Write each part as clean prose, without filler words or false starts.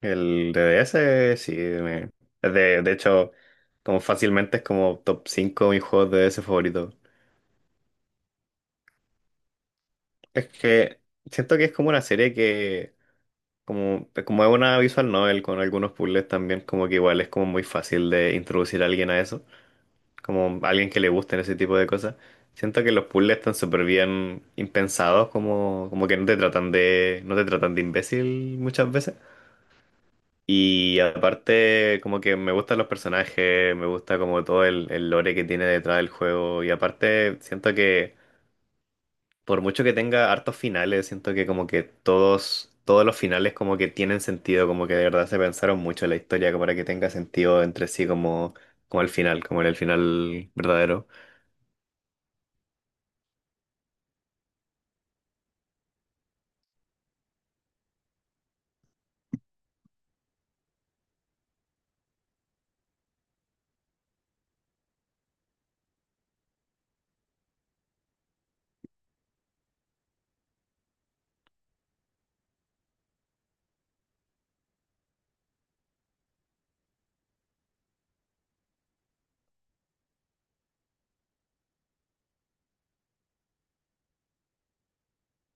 El D. D S. Sí. De hecho, como fácilmente es como top 5 de mis juegos de DDS favoritos. Es que siento que es como una serie que, como es una visual novel con algunos puzzles también, como que igual es como muy fácil de introducir a alguien a eso, como alguien que le gusten ese tipo de cosas. Siento que los puzzles están súper bien impensados, como que no te tratan de imbécil muchas veces. Y aparte, como que me gustan los personajes, me gusta como todo el lore que tiene detrás del juego. Y aparte, siento que por mucho que tenga hartos finales, siento que como que todos los finales como que tienen sentido, como que de verdad se pensaron mucho en la historia como para que tenga sentido entre sí como, como el final, como en el final verdadero.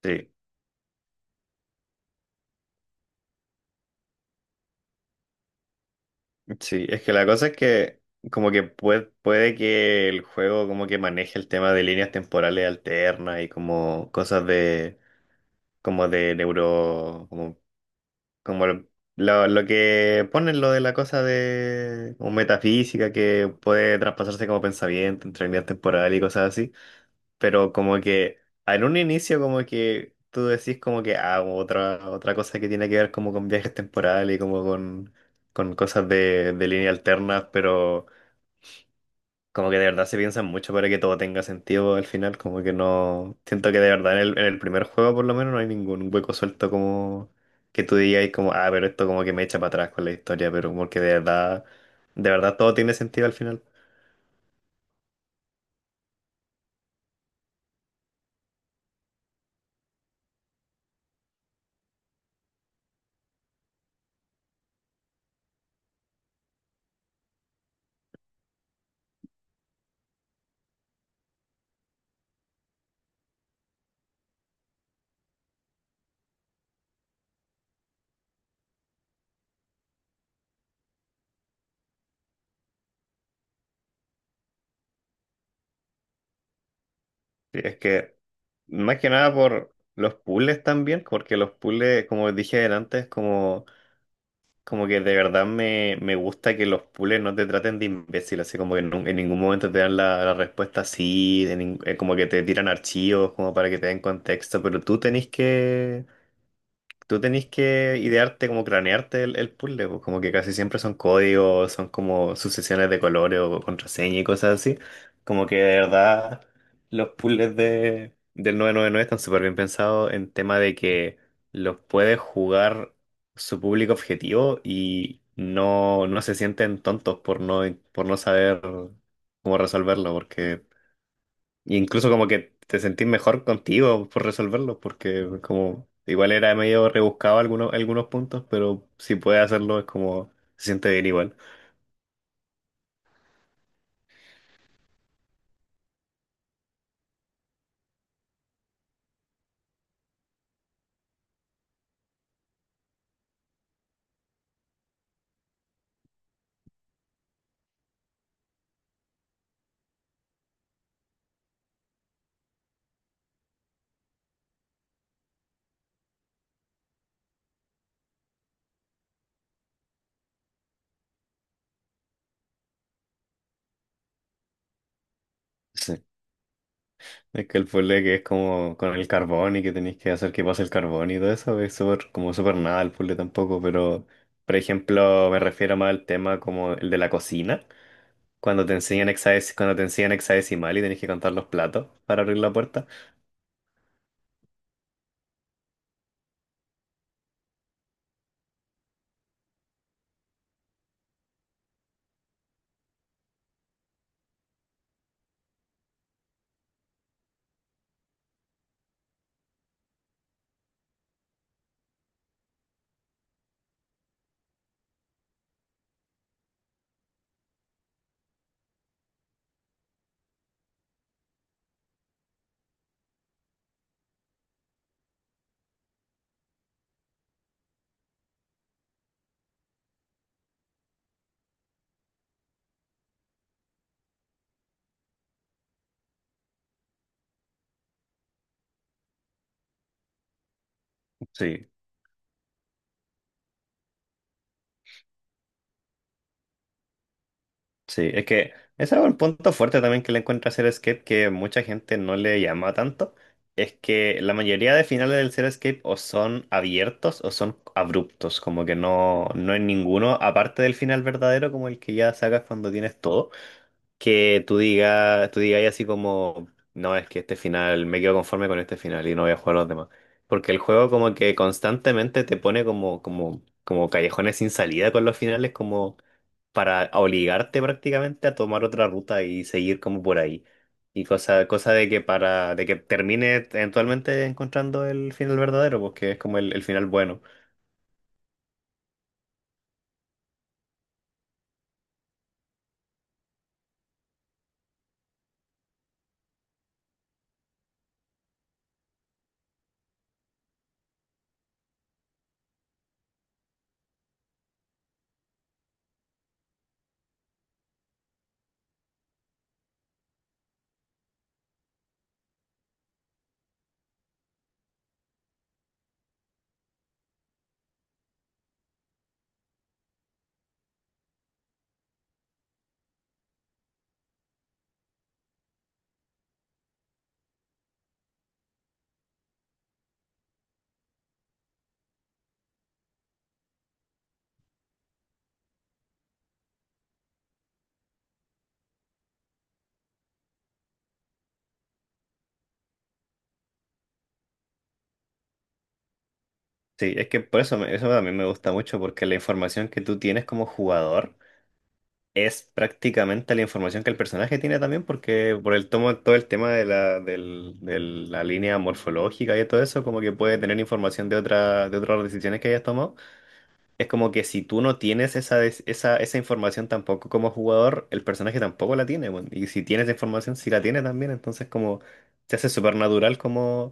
Sí, sí, es que la cosa es que como que puede que el juego como que maneje el tema de líneas temporales alternas y como cosas de como de neuro, como, como lo, lo que ponen lo de la cosa de como metafísica que puede traspasarse como pensamiento entre líneas temporales y cosas así, pero como que en un inicio como que tú decís como que ah, otra cosa que tiene que ver como con viajes temporales y como con cosas de línea alterna, pero... Como que de verdad se piensan mucho para que todo tenga sentido al final, como que no... Siento que de verdad en el primer juego por lo menos no hay ningún hueco suelto como que tú digas como, ah, pero esto como que me echa para atrás con la historia, pero como que de verdad todo tiene sentido al final. Y es que más que nada por los puzzles también, porque los puzzles, como dije antes, como... Como que de verdad me gusta que los pules no te traten de imbécil, así como que ningún momento te dan la respuesta así, como que te tiran archivos como para que te den contexto, pero tú tenés que idearte, como cranearte el puzzle, pues, como que casi siempre son códigos, son como sucesiones de colores o contraseña y cosas así. Como que de verdad los puzzles del 999 están súper bien pensados en tema de que los puede jugar su público objetivo y no se sienten tontos por no saber cómo resolverlo, porque y incluso como que te sentís mejor contigo por resolverlo, porque como igual era medio rebuscado algunos, algunos puntos, pero si puedes hacerlo es como se siente bien igual. Sí. Es que el puzzle que es como con el carbón y que tenéis que hacer que pase el carbón y todo eso, es súper, como súper nada el puzzle tampoco, pero por ejemplo me refiero más al tema como el de la cocina, cuando te enseñan hexadecimal y tenés que contar los platos para abrir la puerta. Sí. Sí, es que ese es un punto fuerte también que le encuentro a Escape que mucha gente no le llama tanto. Es que la mayoría de finales del Escape o son abiertos o son abruptos, como que no hay ninguno, aparte del final verdadero, como el que ya sacas cuando tienes todo que tú digas así como, no, es que este final, me quedo conforme con este final y no voy a jugar los demás. Porque el juego como que constantemente te pone como, como callejones sin salida con los finales, como para obligarte prácticamente a tomar otra ruta y seguir como por ahí. Y cosa de que de que termine eventualmente encontrando el final verdadero, porque es como el final bueno. Sí, es que por eso, eso también me gusta mucho, porque la información que tú, tienes como jugador es prácticamente la información que el personaje tiene también, porque por el tomo, todo el tema de la, de la línea morfológica y todo eso, como que puede tener información de otras decisiones que hayas tomado. Es como que si tú no tienes esa información tampoco como jugador, el personaje tampoco la tiene, weón. Y si tienes esa información, sí la tiene también. Entonces como se hace súper natural como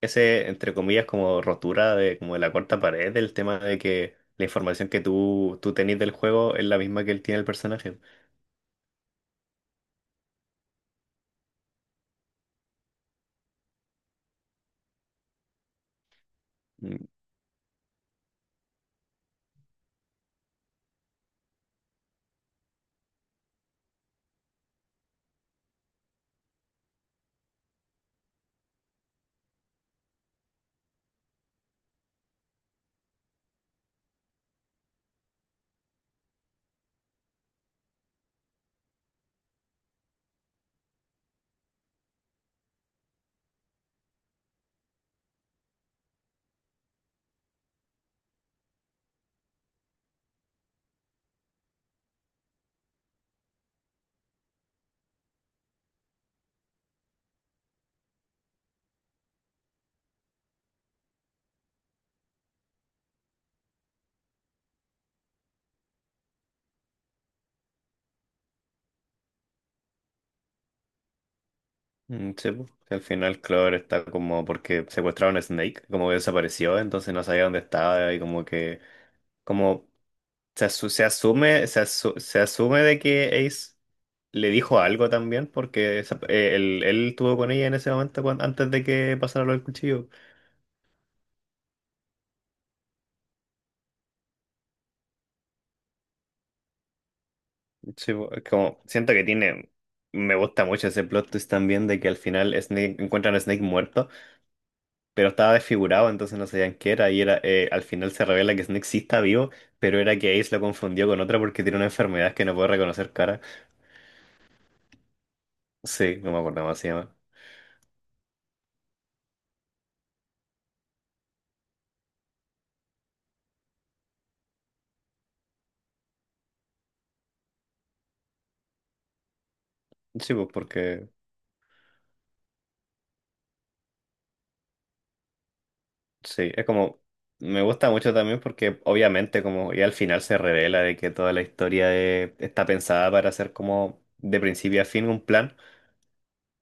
ese, entre comillas, como rotura de como de la cuarta pared, del tema de que la información que tú tenés del juego es la misma que él tiene el personaje. Mm. Sí, po, que al final Clover está como porque secuestraron a Snake, como que desapareció, entonces no sabía dónde estaba y como que como se asume de que Ace le dijo algo también porque él estuvo con ella en ese momento antes de que pasara lo del cuchillo. Sí, po, es como siento que tiene. Me gusta mucho ese plot twist también de que al final Snake encuentran a Snake muerto pero estaba desfigurado, entonces no sabían qué era. Y era, al final se revela que Snake sí está vivo, pero era que Ace lo confundió con otra porque tiene una enfermedad que no puede reconocer cara. Sí, no me acuerdo cómo se llama. Sí, pues porque, sí, es como, me gusta mucho también porque obviamente como ya al final se revela de que toda la historia está pensada para ser como de principio a fin un plan.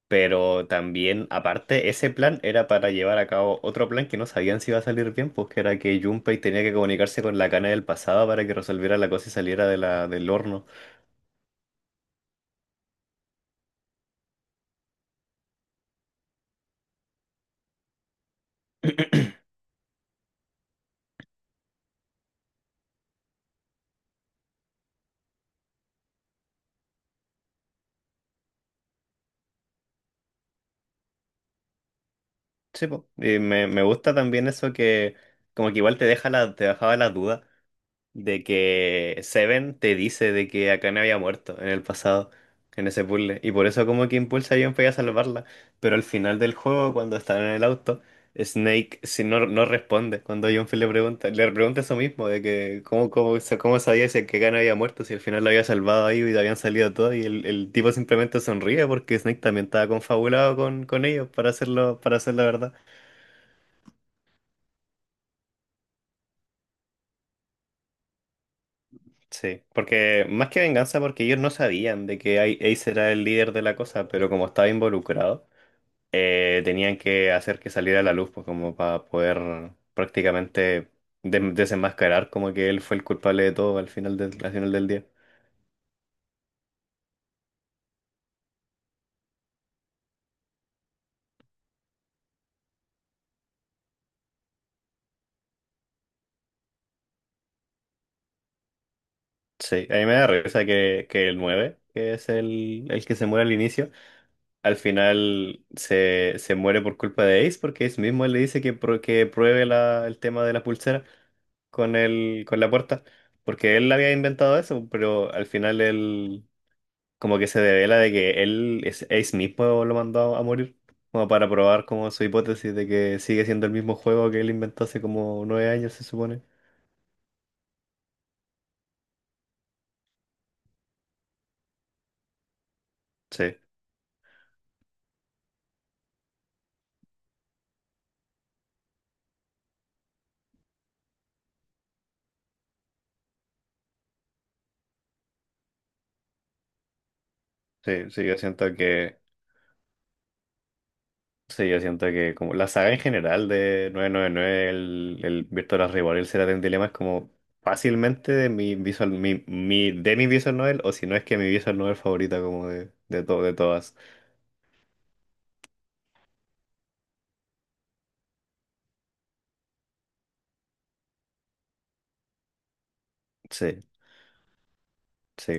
Pero también, aparte, ese plan era para llevar a cabo otro plan que no sabían si iba a salir bien, pues que era que Junpei tenía que comunicarse con la cana del pasado para que resolviera la cosa y saliera de la, del horno. Sí, pues. Y me gusta también eso que como que igual te dejaba la duda de que Seven te dice de que Akane había muerto en el pasado, en ese puzzle, y por eso como que impulsa a Junpei a salvarla, pero al final del juego, cuando están en el auto, Snake si no responde cuando Junpei le pregunta eso mismo, de que cómo sabía si que Akane había muerto, si al final lo había salvado ahí y habían salido todos, y el tipo simplemente sonríe porque Snake también estaba confabulado con ellos para hacerlo, para hacer la verdad. Sí, porque más que venganza, porque ellos no sabían de que Ace era el líder de la cosa, pero como estaba involucrado, tenían que hacer que saliera a la luz, pues como para poder prácticamente desenmascarar como que él fue el culpable de todo al final del día. Sí, a mí me da risa que el 9 que es el que se muere al inicio, al final se muere por culpa de Ace, porque Ace mismo le dice que, que pruebe el tema de la pulsera, con el, con la puerta, porque él había inventado eso, pero al final él como que se devela de que él es Ace mismo lo mandó a morir, como para probar como su hipótesis de que sigue siendo el mismo juego que él inventó hace como 9 años, se supone. Sí, sí, sí, sí, yo siento que como la saga en general de 999 el Virtual Arrival, el Será un Dilema es como fácilmente de mi visual novel, o si no es que mi visual novel favorita como de todas. Sí. Sí.